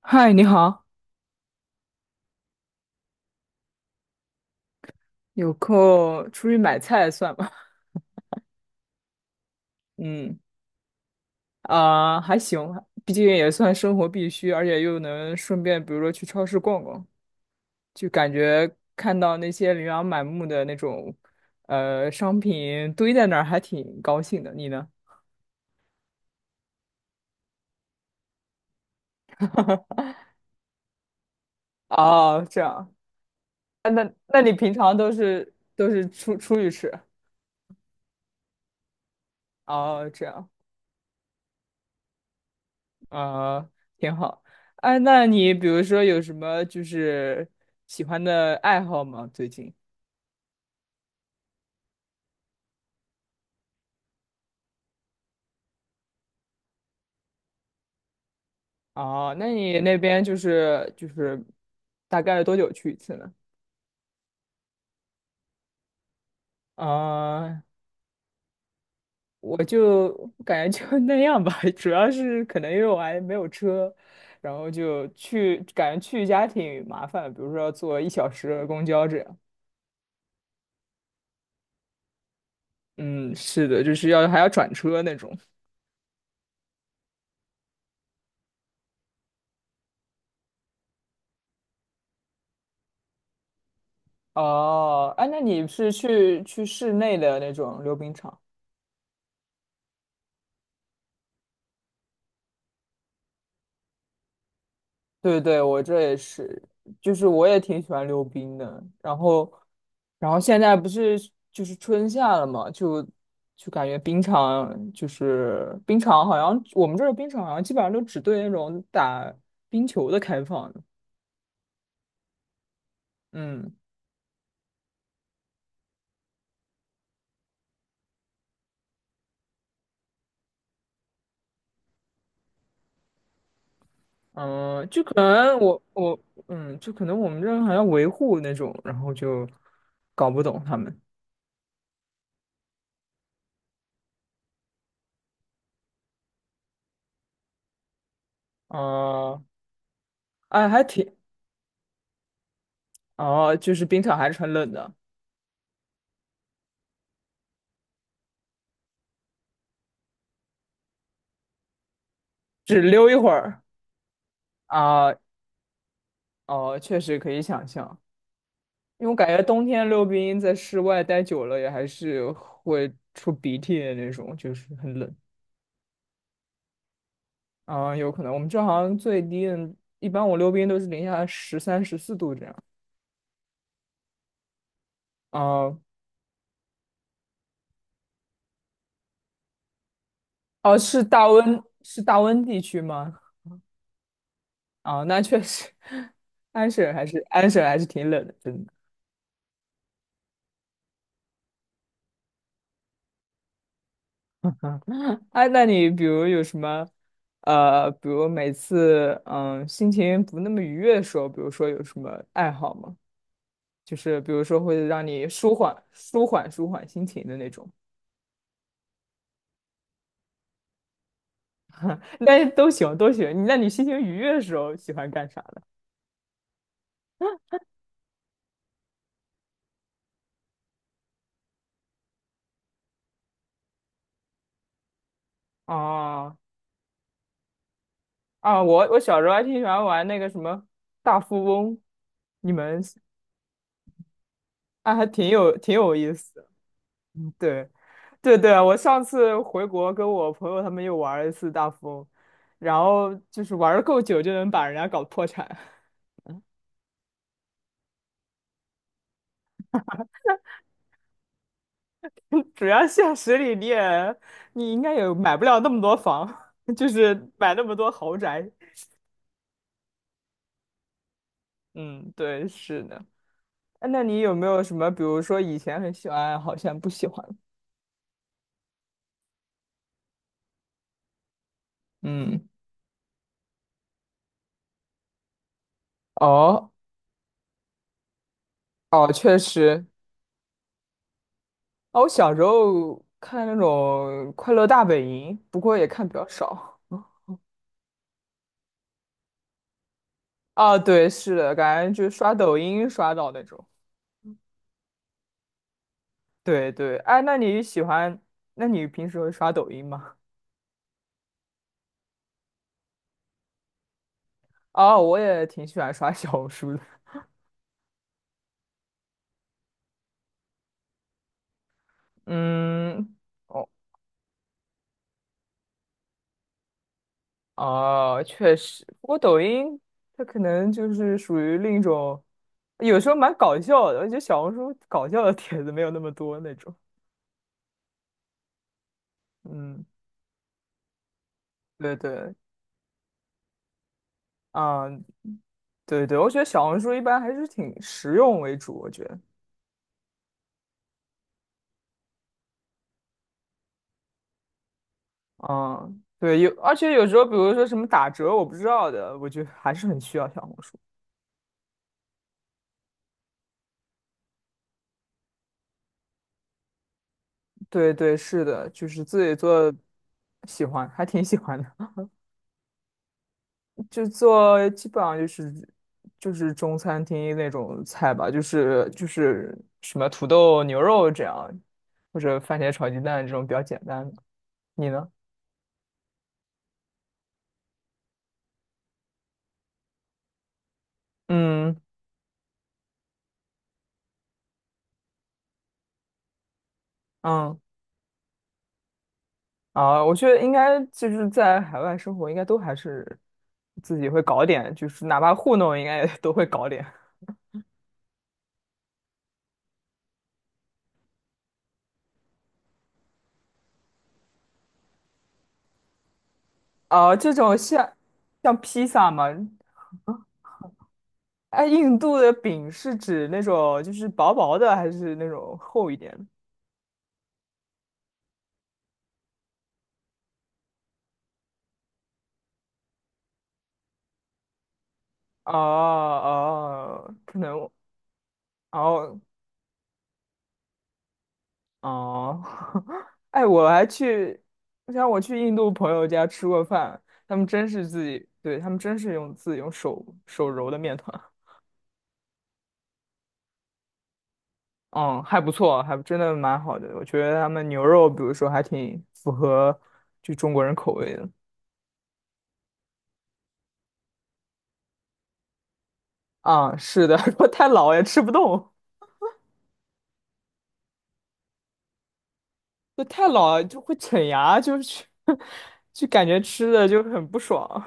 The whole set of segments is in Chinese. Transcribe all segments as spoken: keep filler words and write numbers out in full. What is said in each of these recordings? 嗨，你好，有空出去买菜算吗？嗯，啊、还行，毕竟也算生活必须，而且又能顺便，比如说去超市逛逛，就感觉看到那些琳琅满目的那种，呃，商品堆在那儿，还挺高兴的。你呢？哦，这样。啊，那那你平常都是都是出出去吃？哦，这样。啊，挺好。哎，那你比如说有什么就是喜欢的爱好吗？最近？哦，那你那边就是就是大概多久去一次呢？啊，我就感觉就 那样吧，主要是可能因为我还没有车，然后就去感觉去一家挺麻烦的，比如说要坐一小时的公交这样。嗯，是的，就是要还要转车那种。哦，哎，那你是去去室内的那种溜冰场？对对，我这也是，就是我也挺喜欢溜冰的。然后，然后现在不是就是春夏了嘛，就就感觉冰场就是冰场，好像我们这儿冰场好像基本上都只对那种打冰球的开放。嗯嗯，呃就可能我我嗯，就可能我们这儿好像维护那种，然后就搞不懂他们。哦、哎，还挺。哦，就是冰场还是很冷的，只溜一会儿。啊，哦，确实可以想象，因为我感觉冬天溜冰在室外待久了也还是会出鼻涕的那种，就是很冷。啊、有可能我们这好像最低的，一般我溜冰都是零下十三、十四度这样。啊、哦，是大温，是大温地区吗？啊、那确实，安省还是安省还是挺冷的，真的。啊，那你比如有什么，呃，比如每次嗯心情不那么愉悦的时候，比如说有什么爱好吗？就是比如说会让你舒缓、舒缓、舒缓心情的那种。那是都行，都行。那你心情愉悦的时候喜欢干啥的？啊啊，我我小时候还挺喜欢玩那个什么大富翁，你们啊还挺有挺有意思的。嗯，对对对啊，我上次回国跟我朋友他们又玩了一次大富翁，然后就是玩的够久就能把人家搞破产。主要现实里你也你应该也买不了那么多房，就是买那么多豪宅。嗯，对，是的。哎，那你有没有什么，比如说以前很喜欢，好像不喜欢？嗯，哦，哦，确实。哦，我小时候看那种《快乐大本营》，不过也看比较少。啊，对，是的，感觉就刷抖音刷到那种。对对，哎，那你喜欢？那你平时会刷抖音吗？哦，我也挺喜欢刷小红书的。嗯。哦，确实，不过抖音它可能就是属于另一种，有时候蛮搞笑的。我觉得小红书搞笑的帖子没有那么多那种。嗯，对对，啊，对对，我觉得小红书一般还是挺实用为主。我觉得，嗯，对，有，而且有时候比如说什么打折我不知道的，我觉得还是很需要小红书。对对，是的，就是自己做，喜欢，还挺喜欢的。就做基本上就是就是中餐厅那种菜吧，就是就是什么土豆牛肉这样，或者番茄炒鸡蛋这种比较简单的。你呢？嗯嗯啊，我觉得应该就是在海外生活，应该都还是自己会搞点，就是哪怕糊弄，应该也都会搞点。啊，这种像像披萨嘛，哎，印度的饼是指那种就是薄薄的，还是那种厚一点的？哦哦，可能哦哦，哎，我还去，我想我去印度朋友家吃过饭，他们真是自己，对，他们真是用自己用手手揉的面团，嗯，还不错，还真的蛮好的，我觉得他们牛肉，比如说还挺符合就中国人口味的，啊、是的，如果太老也吃不动，就太老就会啃牙，就是 就感觉吃的就很不爽。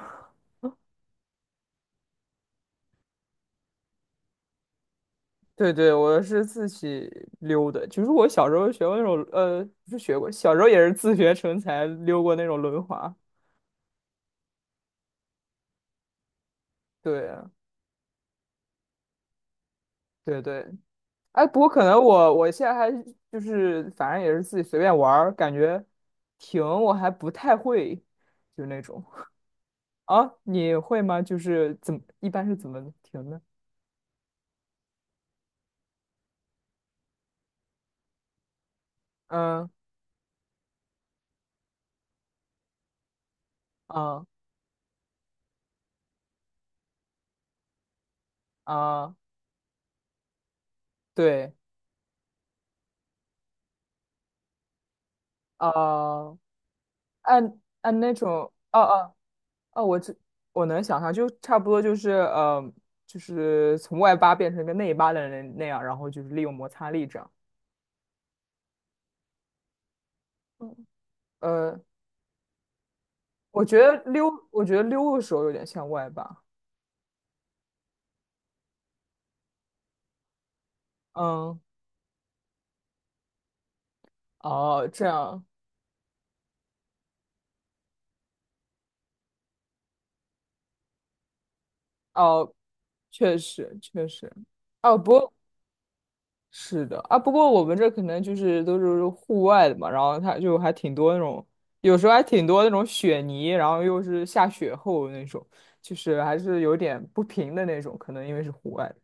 对对，我是自己溜的，就是我小时候学过那种，呃，不是学过，小时候也是自学成才溜过那种轮滑。对对对，哎，不过可能我我现在还就是反正也是自己随便玩儿，感觉停我还不太会，就那种啊，你会吗？就是怎么一般是怎么停的？嗯啊啊，对啊，按按那种，哦哦哦，我这我能想象，就差不多就是呃，就是从外八变成一个内八的人那样，然后就是利用摩擦力这样。嗯，呃，我觉得溜，我觉得溜的时候有点像外八。嗯，哦，这样，哦，确实确实。哦，不过是的啊，不过我们这可能就是都是户外的嘛，然后它就还挺多那种，有时候还挺多那种雪泥，然后又是下雪后那种，就是还是有点不平的那种，可能因为是户外的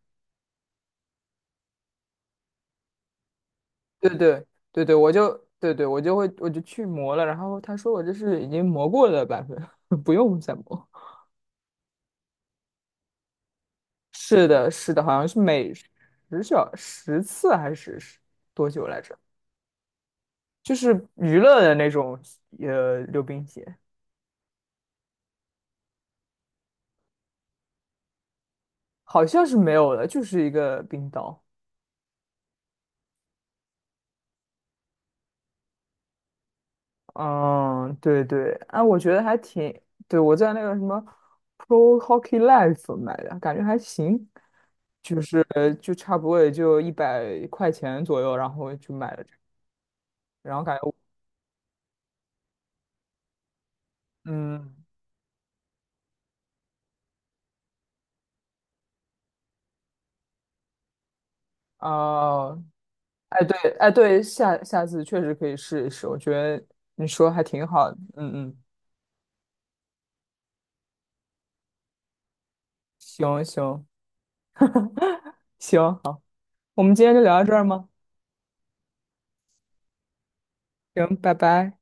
对对对对，我就对对我就会我就去磨了，然后他说我这是已经磨过的版本，不用再磨。是的，是的，好像是每十小十次还是十多久来着？就是娱乐的那种呃溜冰鞋。好像是没有的，就是一个冰岛。嗯，对对，哎、我觉得还挺，对，我在那个什么 Pro Hockey Life 买的，感觉还行，就是就差不多也就一百块钱左右，然后就买了这个然后感觉，嗯，哦、哎对，哎对，下下次确实可以试一试，我觉得你说还挺好的，嗯嗯，行行行，好，我们今天就聊到这儿吗？行，拜拜。